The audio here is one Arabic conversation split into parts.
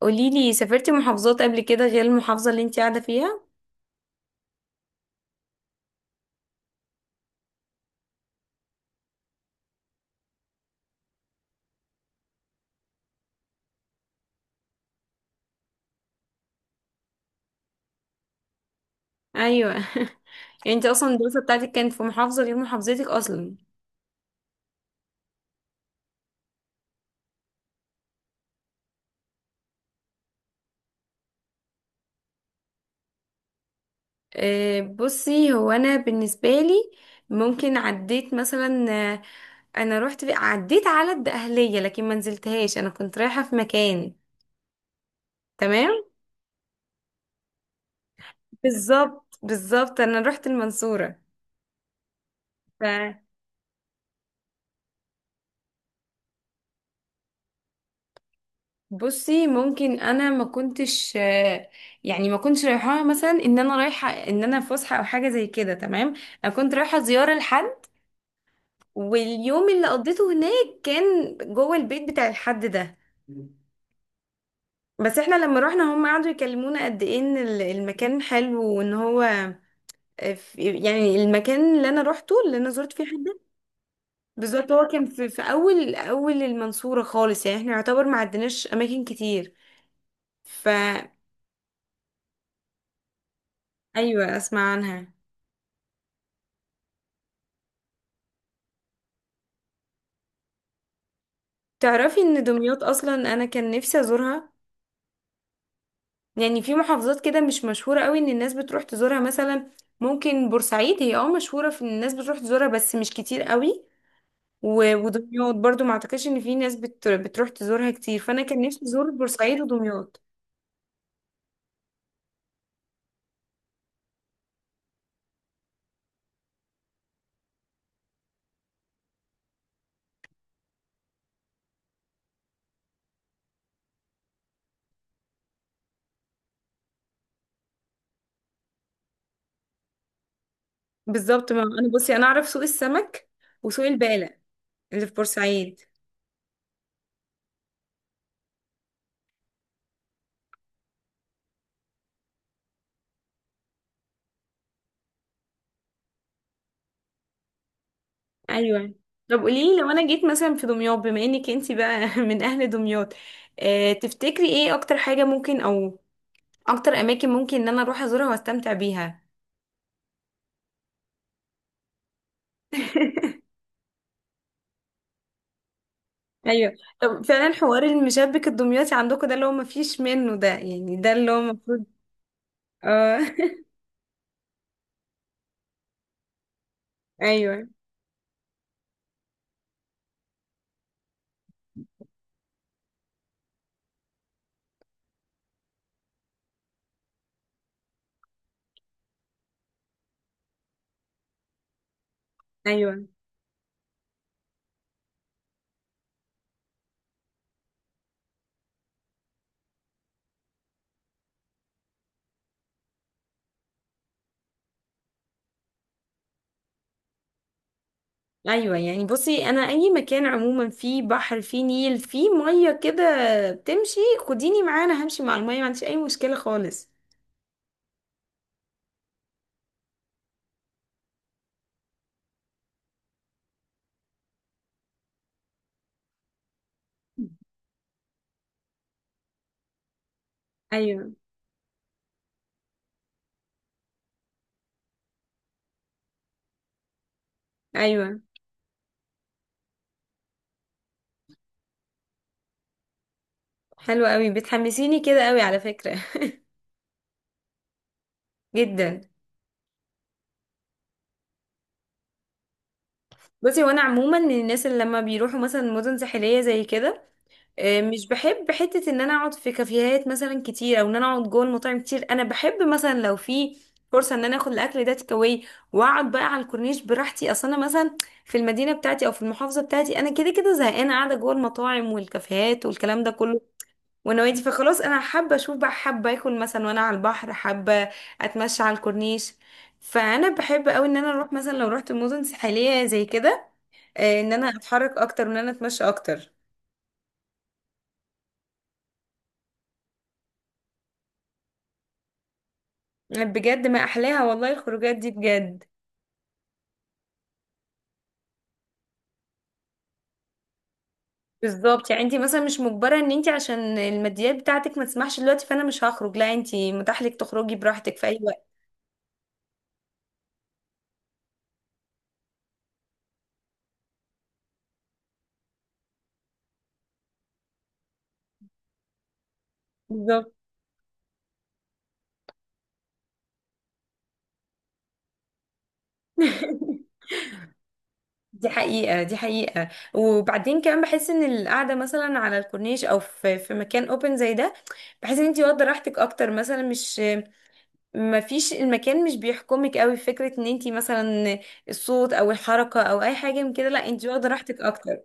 قوليلي، سافرتي محافظات قبل كده غير المحافظة اللي انت قاعدة فيها؟ ايوه يعني انت اصلا الدراسة بتاعتك كانت في محافظة غير محافظتك اصلا. أه بصي، هو انا بالنسبة لي ممكن عديت مثلا. آه، انا عديت على الدقهلية، لكن ما نزلتهاش، انا كنت رايحة في مكان. تمام. بالظبط بالظبط، انا رحت المنصورة. بصي ممكن انا ما كنتش يعني ما كنتش رايحاها مثلا ان انا رايحه، ان انا في فسحه او حاجه زي كده. تمام، انا كنت رايحه زياره لحد، واليوم اللي قضيته هناك كان جوه البيت بتاع الحد ده. بس احنا لما رحنا هم قعدوا يكلمونا قد ايه ان المكان حلو وان هو يعني المكان اللي انا روحته، اللي انا زرت فيه حد. بالظبط، هو كان في اول المنصوره خالص، يعني احنا يعتبر ما عدناش اماكن كتير. ف. ايوه اسمع عنها. تعرفي ان دمياط اصلا انا كان نفسي ازورها؟ يعني في محافظات كده مش مشهوره قوي ان الناس بتروح تزورها مثلا. ممكن بورسعيد هي اه مشهوره في ان الناس بتروح تزورها، بس مش كتير قوي. ودمياط برضو ما اعتقدش ان في ناس بتروح تزورها كتير، فانا كان نفسي ازور بورسعيد ودمياط. بالظبط، ما انا بصي انا اعرف سوق السمك وسوق البالة اللي في بورسعيد. ايوه، طب قوليلي لو انا جيت مثلا في دمياط، بما انك انتي بقى من اهل دمياط، تفتكري ايه اكتر حاجة ممكن، او اكتر اماكن ممكن ان انا اروح ازورها واستمتع بيها؟ ايوه، طب فعلا حوار المشبك الدمياطي عندكم ده اللي هو مفيش منه ده، يعني ده اللي هو المفروض. اه. ايوه ايوه. ايوه يعني بصي انا اي مكان عموما فيه بحر، فيه نيل، فيه ميه كده، بتمشي، خديني معايا، انا همشي مع الميه، ما عنديش اي مشكله خالص. ايوه ايوه. حلو قوي، بتحمسيني كده قوي على فكره. جدا. بصي وانا عموما من الناس اللي لما بيروحوا مثلا مدن ساحليه زي كده، مش بحب حتة ان انا اقعد في كافيهات مثلا كتير، او ان انا اقعد جوه المطاعم كتير. انا بحب مثلا لو في فرصة ان انا اخد الاكل ده تيك اواي واقعد بقى على الكورنيش براحتي. اصل انا مثلا في المدينة بتاعتي او في المحافظة بتاعتي انا كده كده زهقانة قاعدة جوه المطاعم والكافيهات والكلام ده كله ونوادي، فخلاص انا حابة اشوف بقى، حابة اكل مثلا وانا على البحر، حابة اتمشى على الكورنيش. فانا بحب قوي ان انا اروح مثلا، لو رحت مدن ساحلية زي كده، ان انا اتحرك اكتر وان انا اتمشى اكتر. بجد ما احلاها والله الخروجات دي، بجد. بالظبط، يعني انت مثلا مش مجبره ان انت عشان الماديات بتاعتك ما تسمحش دلوقتي فانا مش هخرج، لا، انت متاح لك تخرجي براحتك في اي وقت. بالظبط. دي حقيقة دي حقيقة. وبعدين كمان بحس ان القعدة مثلا على الكورنيش او في مكان اوبن زي ده، بحس ان انت واخدة راحتك اكتر، مثلا مش، ما فيش، المكان مش بيحكمك قوي في فكرة ان انت مثلا الصوت او الحركة او اي حاجة من كده، لا انت واخدة راحتك اكتر.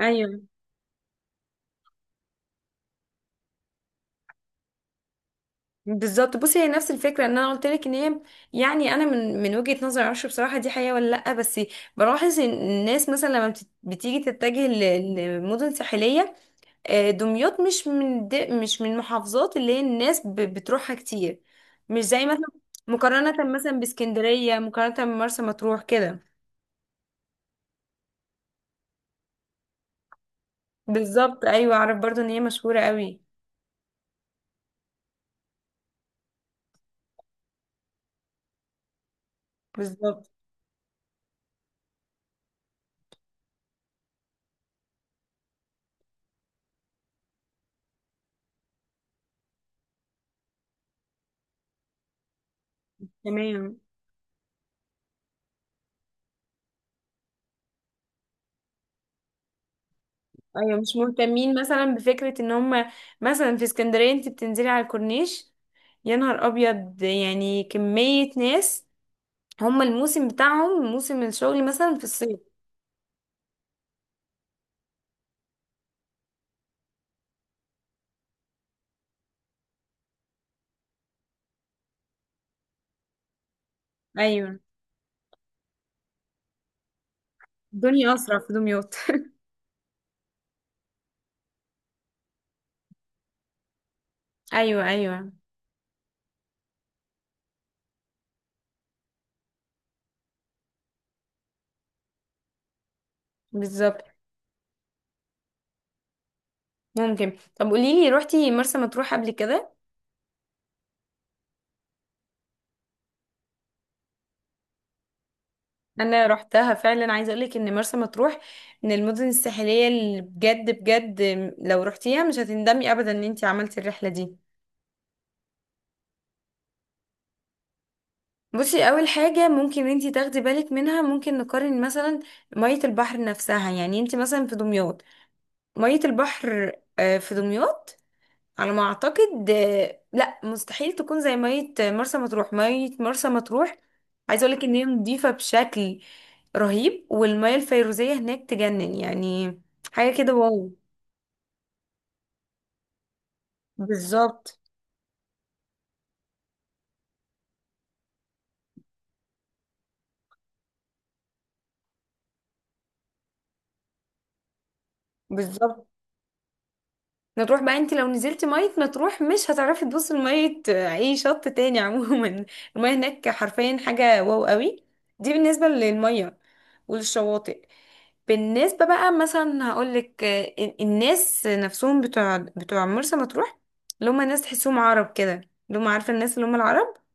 ايوه بالظبط. بصي هي نفس الفكره ان انا قلت لك ان هي، يعني انا من وجهه نظري معرفش بصراحه دي حقيقه ولا لا، بس بلاحظ ان الناس مثلا لما بتيجي تتجه لمدن ساحليه، دمياط مش من مش من المحافظات اللي هي الناس بتروحها كتير، مش زي مثلا، مقارنه مثلا باسكندريه، مقارنه بمرسى مطروح كده. بالظبط ايوه اعرف برضو ان هي مشهوره قوي. بالظبط. تمام. ايوه مش مهتمين مثلا بفكرة ان هم، مثلا في اسكندرية انت بتنزلي على الكورنيش يا نهار ابيض، يعني كمية ناس، هم الموسم بتاعهم موسم الشغل مثلا في الصيف. ايوه. الدنيا اسرع في دمياط. ايوه ايوه. بالظبط. ممكن، طب قولي لي روحتي مرسى مطروح قبل كده؟ انا روحتها فعلا، عايزه اقول لك ان مرسى مطروح من المدن الساحليه اللي بجد بجد، لو روحتيها مش هتندمي ابدا ان انت عملتي الرحله دي. بصي اول حاجه ممكن انتي تاخدي بالك منها، ممكن نقارن مثلا ميه البحر نفسها، يعني انتي مثلا في دمياط ميه البحر، في دمياط على ما اعتقد لا، مستحيل تكون زي ميه مرسى مطروح. ميه مرسى مطروح عايزه اقولك ان هي نضيفه بشكل رهيب، والميه الفيروزيه هناك تجنن، يعني حاجه كده واو. بالظبط بالظبط. مطروح بقى، انت لو نزلتي مية مطروح مش هتعرفي تبصي لمية اي شط تاني عموما المية هناك حرفيا حاجة واو قوي. دي بالنسبة للمية وللشواطئ. بالنسبة بقى مثلا هقولك الناس نفسهم بتوع مرسى مطروح، اللي هم ناس تحسهم عرب كده، اللي هم عارفة الناس اللي هم العرب.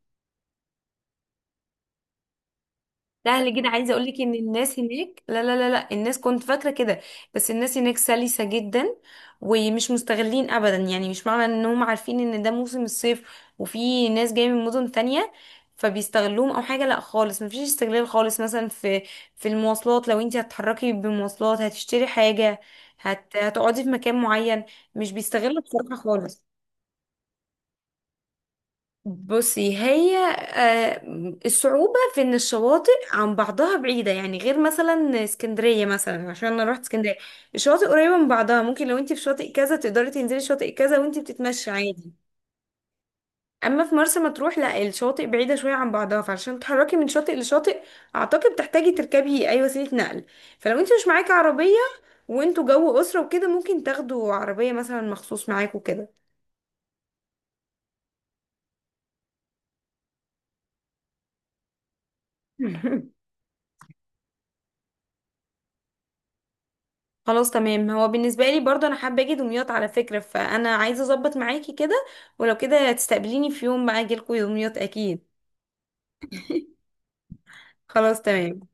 سهل جدا، عايزه اقول لك ان الناس هناك، لا لا لا لا، الناس كنت فاكره كده، بس الناس هناك سلسه جدا ومش مستغلين ابدا. يعني مش معنى انهم عارفين ان ده موسم الصيف وفي ناس جايه من مدن تانية فبيستغلوهم او حاجه، لا خالص، مفيش استغلال خالص. مثلا في المواصلات، لو انت هتتحركي بمواصلات، هتشتري حاجه، هتقعدي في مكان معين، مش بيستغلوا بصراحه خالص. بصي هي الصعوبة في ان الشواطئ عن بعضها بعيدة، يعني غير مثلا اسكندرية، مثلا عشان انا رحت اسكندرية، الشواطئ قريبة من بعضها، ممكن لو انت في شاطئ كذا تقدري تنزلي شاطئ كذا وانت بتتمشي عادي. اما في مرسى مطروح لا، الشواطئ بعيدة شوية عن بعضها، فعشان تتحركي من شاطئ لشاطئ اعتقد تحتاجي تركبي اي وسيلة نقل. فلو انت مش معاكي عربية وانتوا جو اسرة وكده، ممكن تاخدوا عربية مثلا مخصوص معاكوا كده. خلاص تمام. هو بالنسبة لي برضه أنا حابة أجي دمياط على فكرة، فأنا عايزة أظبط معاكي كده، ولو كده تستقبليني في يوم بقى أجيلكوا دمياط أكيد. خلاص تمام.